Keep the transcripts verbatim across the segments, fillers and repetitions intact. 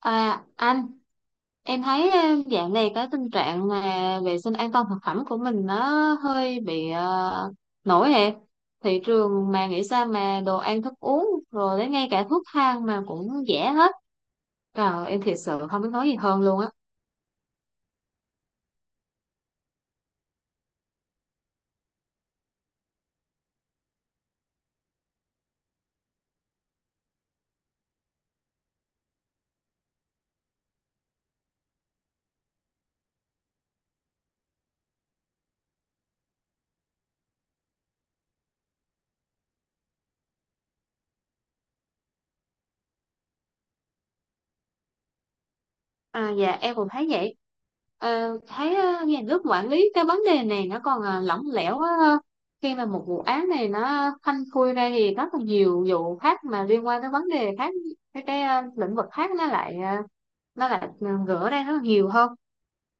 À anh, em thấy ờ, dạo này cái tình trạng mà vệ sinh an toàn thực phẩm của mình nó hơi bị ờ, nổi hẹp. Thị trường mà nghĩ sao mà đồ ăn thức uống rồi đến ngay cả thuốc thang mà cũng rẻ hết. Trời, em thiệt sự không biết nói gì hơn luôn á. À, dạ em cũng thấy vậy. Ờ, thấy ờ, nhà nước quản lý cái vấn đề này nó còn ờ, lỏng lẻo quá ha. Khi mà một vụ án này nó phanh phui ra thì rất là nhiều vụ khác mà liên quan tới vấn đề khác, cái cái ờ, lĩnh vực khác nó lại ờ, nó lại ừ, gỡ ra rất là nhiều hơn.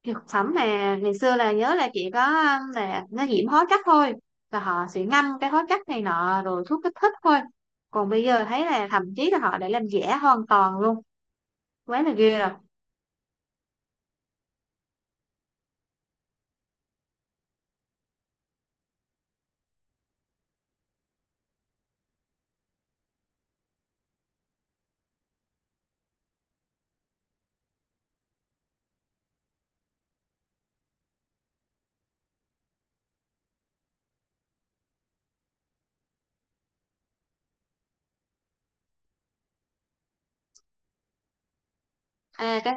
Thực phẩm mà ngày xưa là nhớ là chỉ có um, là nó nhiễm hóa chất thôi, và họ sẽ ngâm cái hóa chất này nọ rồi thuốc kích thích thôi. Còn bây giờ thấy là thậm chí là họ đã làm giả hoàn toàn luôn, quá là ghê rồi. À, cái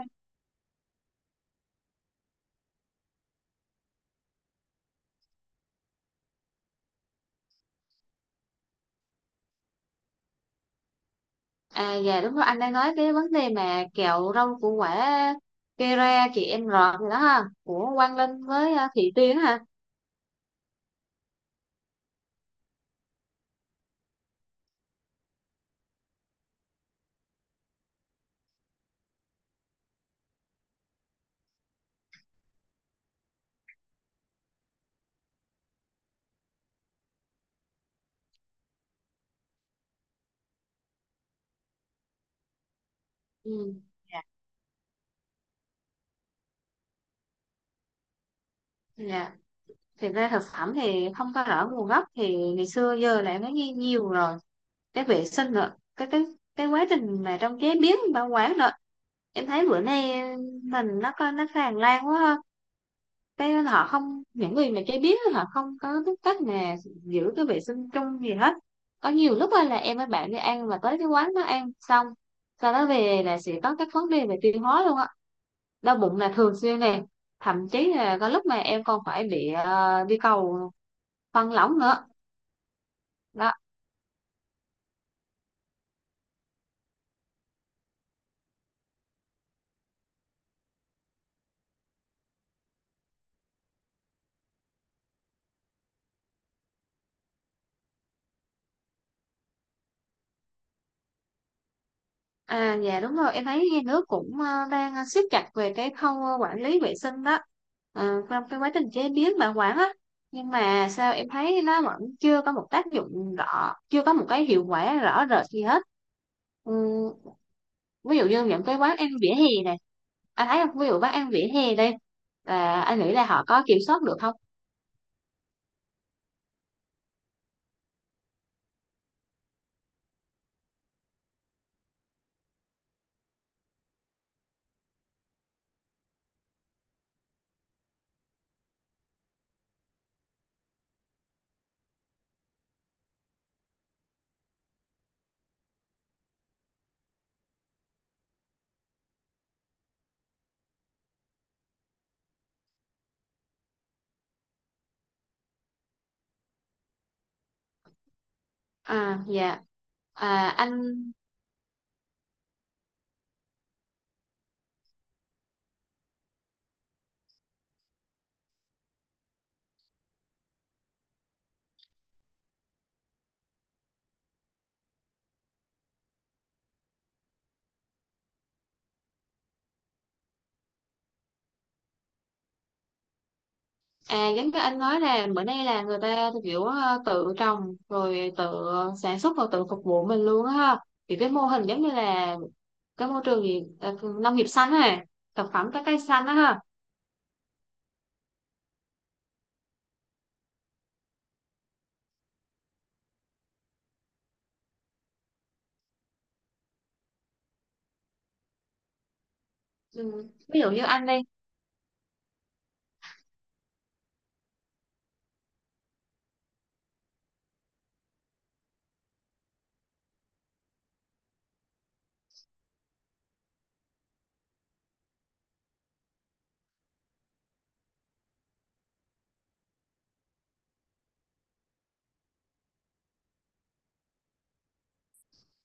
À dạ đúng rồi, anh đang nói cái vấn đề mà kẹo rau củ quả, cây ra chị em rọt gì đó ha của Quang Linh với à, Thị Tuyến ha. Ừ. Dạ. Dạ. Thì ra thực phẩm thì không có rõ nguồn gốc thì ngày xưa giờ lại nó nghe nhiều rồi, cái vệ sinh nữa, cái cái cái quá trình mà trong chế biến bảo quản nữa. Em thấy bữa nay mình nó có nó tràn lan quá ha. Thế nên họ không những người mà chơi biết họ không có biết cách mà giữ cái vệ sinh chung gì hết. Có nhiều lúc á là em với bạn đi ăn mà tới cái quán nó ăn xong, sau đó về là sẽ có các vấn đề về tiêu hóa luôn á, đau bụng là thường xuyên nè, thậm chí là có lúc mà em còn phải bị ờ, đi cầu phân lỏng nữa đó. À dạ đúng rồi, em thấy nhà nước cũng ờ, đang ờ, siết chặt về cái khâu ờ, quản lý vệ sinh đó. Ờ, trong cái quá trình chế biến bảo quản á, nhưng mà sao em thấy nó vẫn chưa có một tác dụng rõ, chưa có một cái hiệu quả rõ rệt gì hết. Ừ, ví dụ như những cái quán ăn vỉa hè này, anh thấy không? Ví dụ quán ăn vỉa hè đây, là anh nghĩ là họ có kiểm soát được không? À dạ, à anh. À giống như anh nói là bữa nay là người ta kiểu ờ, tự trồng rồi tự sản xuất và tự phục vụ mình luôn á ha. Thì cái mô hình giống như là cái môi trường gì ờ, nông nghiệp xanh á, thực phẩm trái cây xanh á ha. Ừ. Ví dụ như anh đi,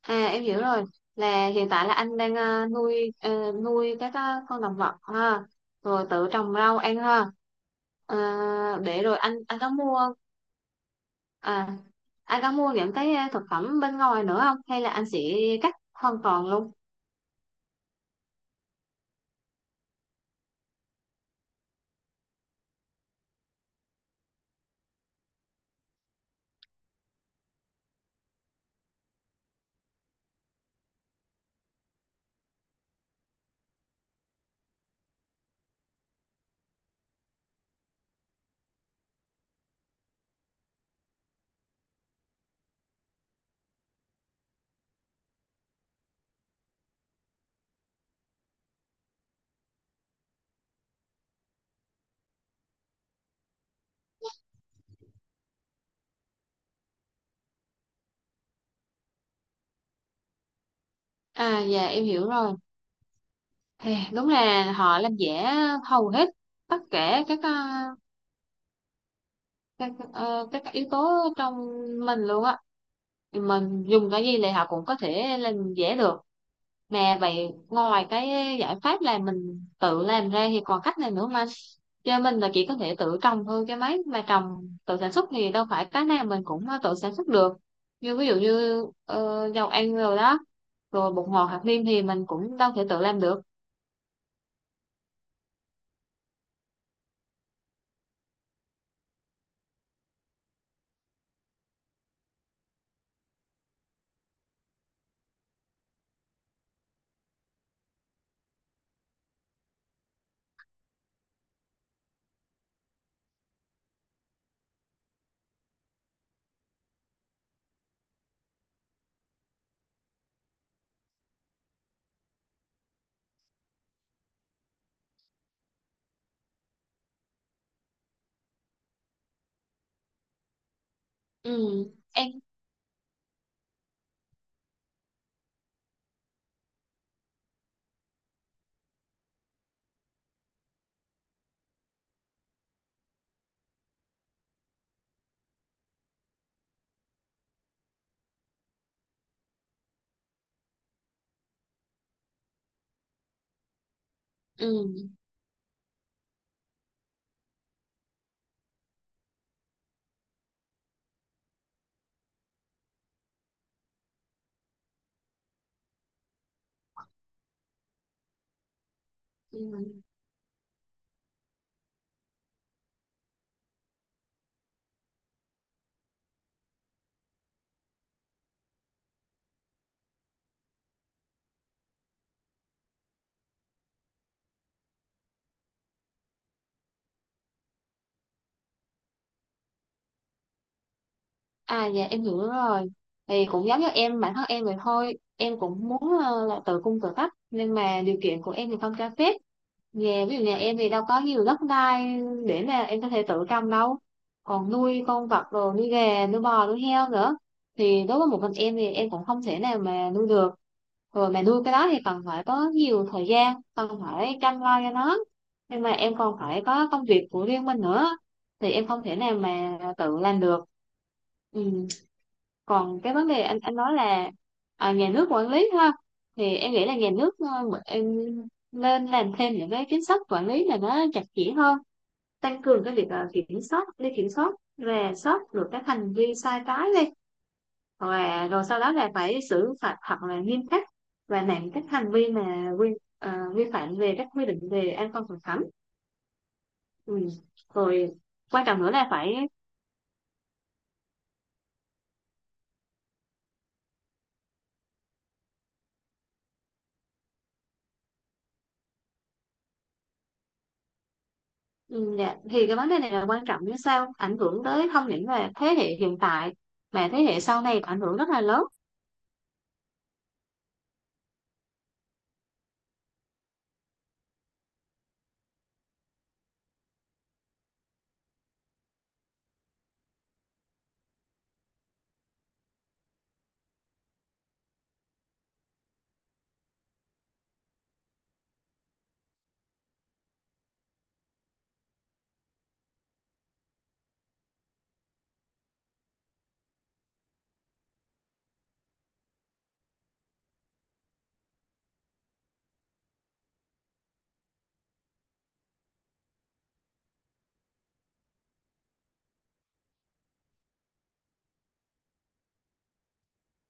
à em hiểu rồi, là hiện tại là anh đang ờ, nuôi ờ, nuôi các ờ, con động vật ha, rồi tự trồng rau ăn ha. Ờ, để rồi anh anh có mua à anh có mua những cái ờ, thực phẩm bên ngoài nữa không, hay là anh sẽ cắt hoàn toàn luôn? À dạ em hiểu rồi. Thì đúng là họ làm giả hầu hết tất cả các ờ, các ờ, các yếu tố trong mình luôn á. Mình dùng cái gì thì họ cũng có thể làm giả được. Mà vậy ngoài cái giải pháp là mình tự làm ra thì còn cách này nữa mà. Cho mình là chỉ có thể tự trồng thôi, cái máy mà trồng tự sản xuất thì đâu phải cái nào mình cũng ờ, tự sản xuất được. Như ví dụ như ờ, dầu ăn rồi đó, rồi bột ngọt hạt nêm thì mình cũng đâu thể tự làm được. Ừ em, ừ, ừ. À dạ em hiểu rồi, thì cũng giống như em, bản thân em vậy thôi, em cũng muốn ờ, là tự cung tự cấp nhưng mà điều kiện của em thì không cho phép. Nhà ví dụ nhà em thì đâu có nhiều đất đai để mà em có thể tự trồng đâu, còn nuôi con vật rồi nuôi gà nuôi bò nuôi heo nữa thì đối với một mình em thì em cũng không thể nào mà nuôi được. Rồi mà nuôi cái đó thì cần phải có nhiều thời gian, cần phải chăm lo cho nó, nhưng mà em còn phải có công việc của riêng mình nữa thì em không thể nào mà tự làm được. Ừ. Còn cái vấn đề anh anh nói là à, nhà nước quản lý ha, thì em nghĩ là nhà nước, ờ, em nên làm thêm những cái chính sách quản lý là nó chặt chẽ hơn, tăng cường cái việc ờ, kiểm soát đi kiểm soát, rà soát được các hành vi sai trái đi, hoặc là rồi sau đó là phải xử phạt thật là nghiêm khắc và nặng các hành vi mà vi ờ, vi phạm về các quy định về an toàn thực phẩm. Ừ. Rồi quan trọng nữa là phải. Ừ, dạ, thì cái vấn đề này là quan trọng, như sau ảnh hưởng tới không những là thế hệ hiện tại mà thế hệ sau này ảnh hưởng rất là lớn.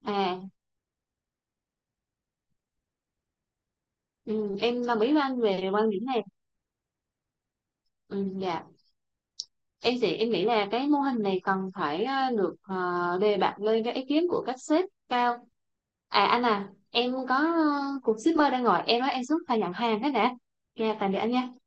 À, ừ, em đồng ý với anh về quan điểm này. Ừ, dạ, em thì em nghĩ là cái mô hình này cần phải ờ, được ờ, đề bạt lên cái ý kiến của các sếp cao. À anh, à em có ờ, cuộc shipper đang gọi em nói em xuống phải nhận hàng thế nè, nha tạm biệt anh nha.